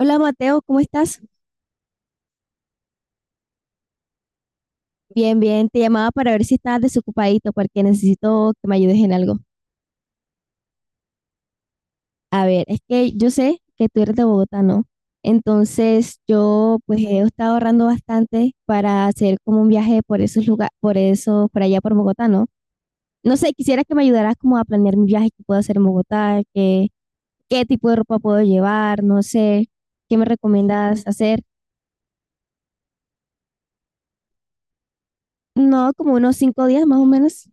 Hola, Mateo, ¿cómo estás? Bien, bien, te llamaba para ver si estabas desocupadito porque necesito que me ayudes en algo. A ver, es que yo sé que tú eres de Bogotá, ¿no? Entonces yo pues he estado ahorrando bastante para hacer como un viaje por esos lugares, por eso, por allá por Bogotá, ¿no? No sé, quisiera que me ayudaras como a planear mi viaje que puedo hacer en Bogotá, qué tipo de ropa puedo llevar, no sé, ¿qué me recomiendas hacer? No, como unos 5 días más o menos.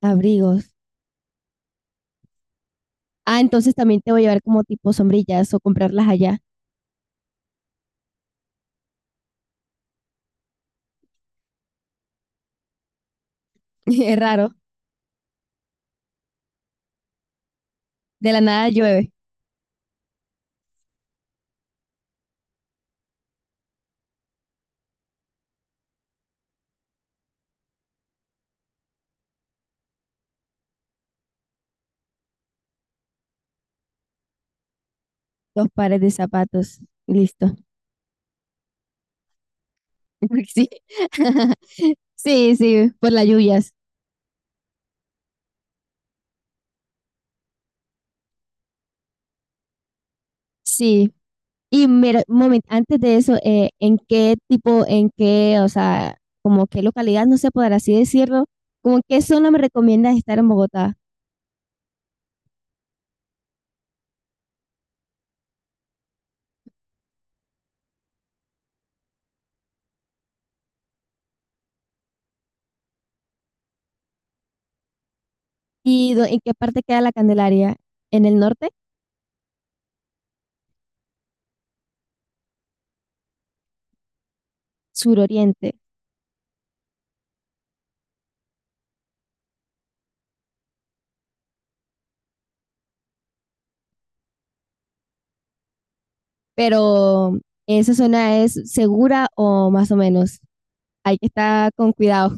Abrigos. Ah, entonces también te voy a llevar como tipo sombrillas o comprarlas allá. Es raro. De la nada llueve. Dos pares de zapatos. Listo. Sí. Sí, sí, por las lluvias. Sí. Y mira, un momento, antes de eso, ¿en qué tipo, en qué, o sea, como qué localidad, no sé, por así decirlo, como en qué zona me recomiendas estar en Bogotá? ¿En qué parte queda la Candelaria? ¿En el norte? Suroriente. Pero, ¿esa zona es segura o más o menos? Hay que estar con cuidado.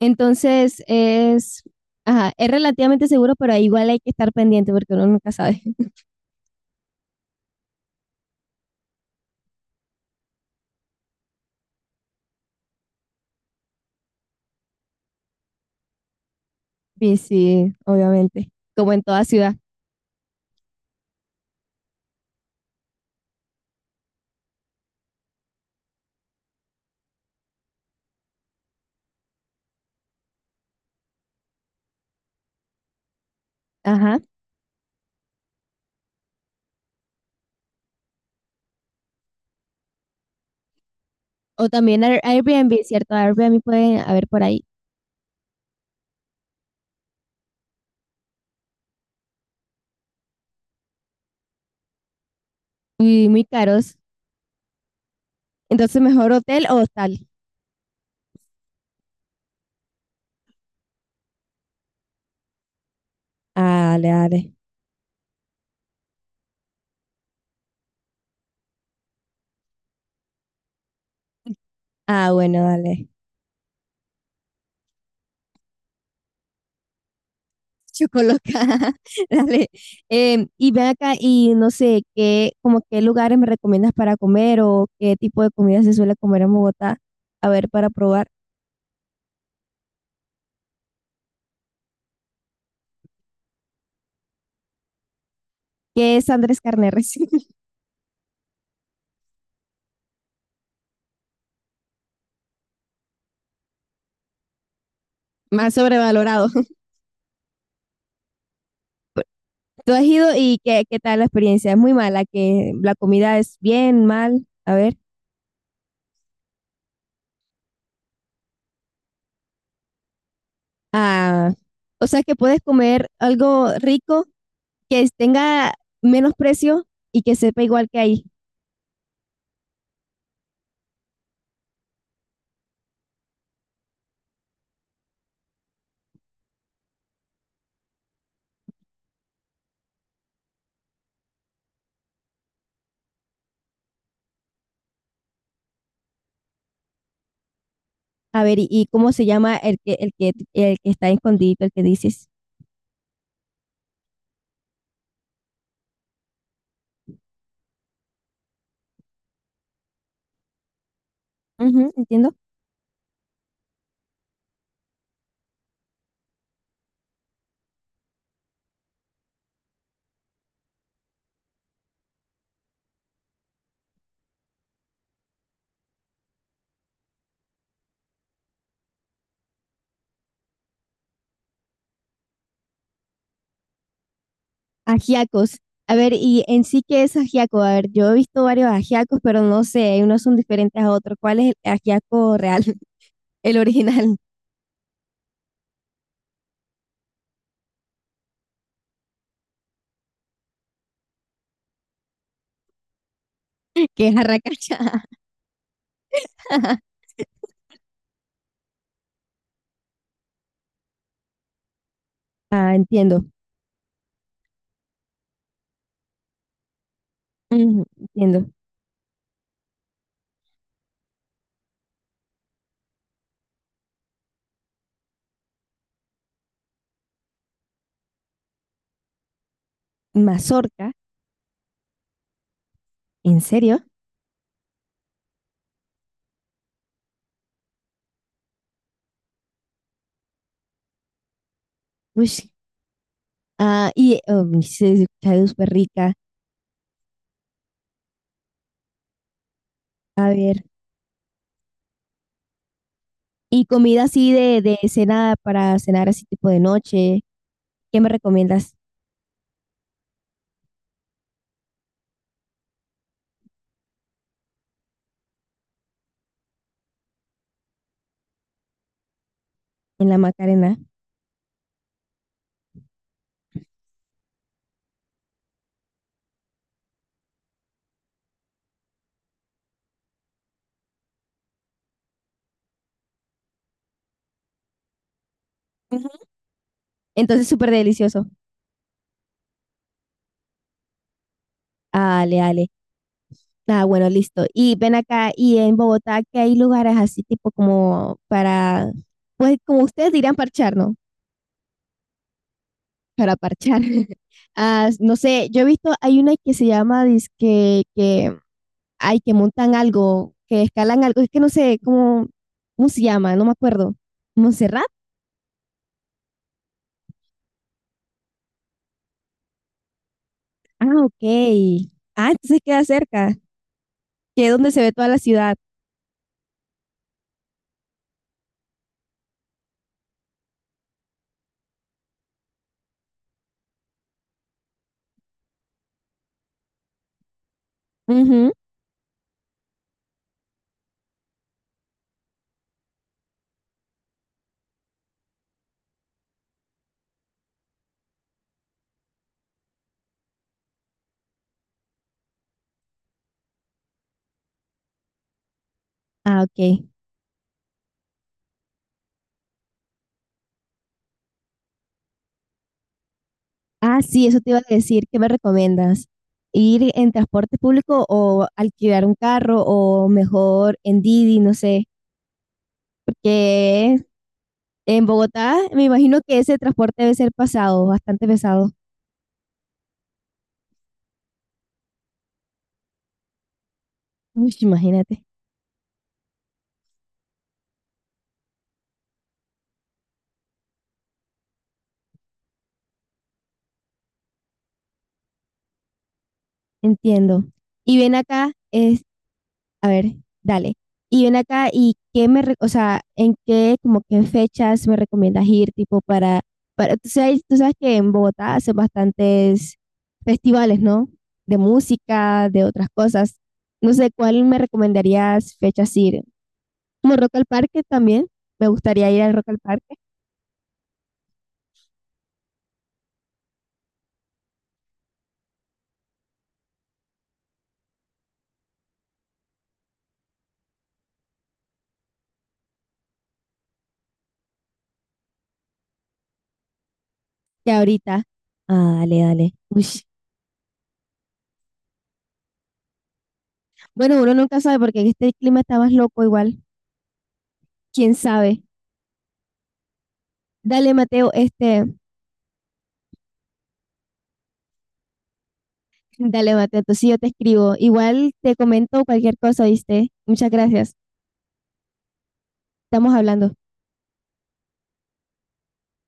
Entonces es, ajá, es relativamente seguro, pero igual hay que estar pendiente porque uno nunca sabe. Sí, sí, obviamente, como en toda ciudad. Ajá. O también Airbnb, ¿cierto? Airbnb pueden haber por ahí. Y muy caros. Entonces, mejor hotel o hostal. Ah, dale, dale. Ah, bueno, dale. Chocoloca, dale. Y ven acá y no sé, como qué lugares me recomiendas para comer o qué tipo de comida se suele comer en Bogotá, a ver, para probar. ¿Qué es Andrés Carneres? Más sobrevalorado. ¿Tú has ido y qué tal la experiencia? Es muy mala, que la comida es bien, mal, a ver. Ah, o sea, que puedes comer algo rico que tenga menos precio y que sepa igual que ahí. A ver, ¿y cómo se llama el que está escondido, el que dices? Ujú, entiendo. Ajiacos. A ver, ¿y en sí qué es ajiaco? A ver, yo he visto varios ajiacos, pero no sé, unos son diferentes a otros. ¿Cuál es el ajiaco real? El original, que es arracacha. Ah, entiendo. Ujú, entiendo. Mazorca, ¿en serio? Uy, sí, ah, y oh, se escucha súper rica. A ver, ¿y comida así de cena para cenar así tipo de noche? ¿Qué me recomiendas? En la Macarena. Ujú. Entonces, súper delicioso. Ale, ale. Ah, bueno, listo. Y ven acá, y en Bogotá, que hay lugares así, pues como ustedes dirán, parchar, ¿no? Para parchar. Ah, no sé, yo he visto, hay una que se llama, dizque, hay que montan algo, que escalan algo, es que no sé cómo se llama, no me acuerdo. ¿Montserrat? Ah, ok. Ah, entonces queda cerca, que es donde se ve toda la ciudad. Ujú. Ah, ok. Ah, sí, eso te iba a decir. ¿Qué me recomiendas? ¿Ir en transporte público o alquilar un carro o mejor en Didi? No sé. Porque en Bogotá me imagino que ese transporte debe ser pasado, bastante pesado. Uy, imagínate. Entiendo. Y ven acá. A ver, dale. Y ven acá, ¿y o sea, en qué, como que en fechas me recomiendas ir, tú sabes que en Bogotá hacen bastantes festivales, ¿no? De música, de otras cosas. No sé, ¿cuál me recomendarías fechas ir? Como Rock al Parque también, me gustaría ir al Rock al Parque, que ahorita. Ah, dale, dale. Ush. Bueno, uno nunca sabe porque en este clima está más loco igual, quién sabe. Dale, Mateo, este... Dale, Mateo, entonces yo te escribo. Igual te comento cualquier cosa, ¿viste? Muchas gracias. Estamos hablando.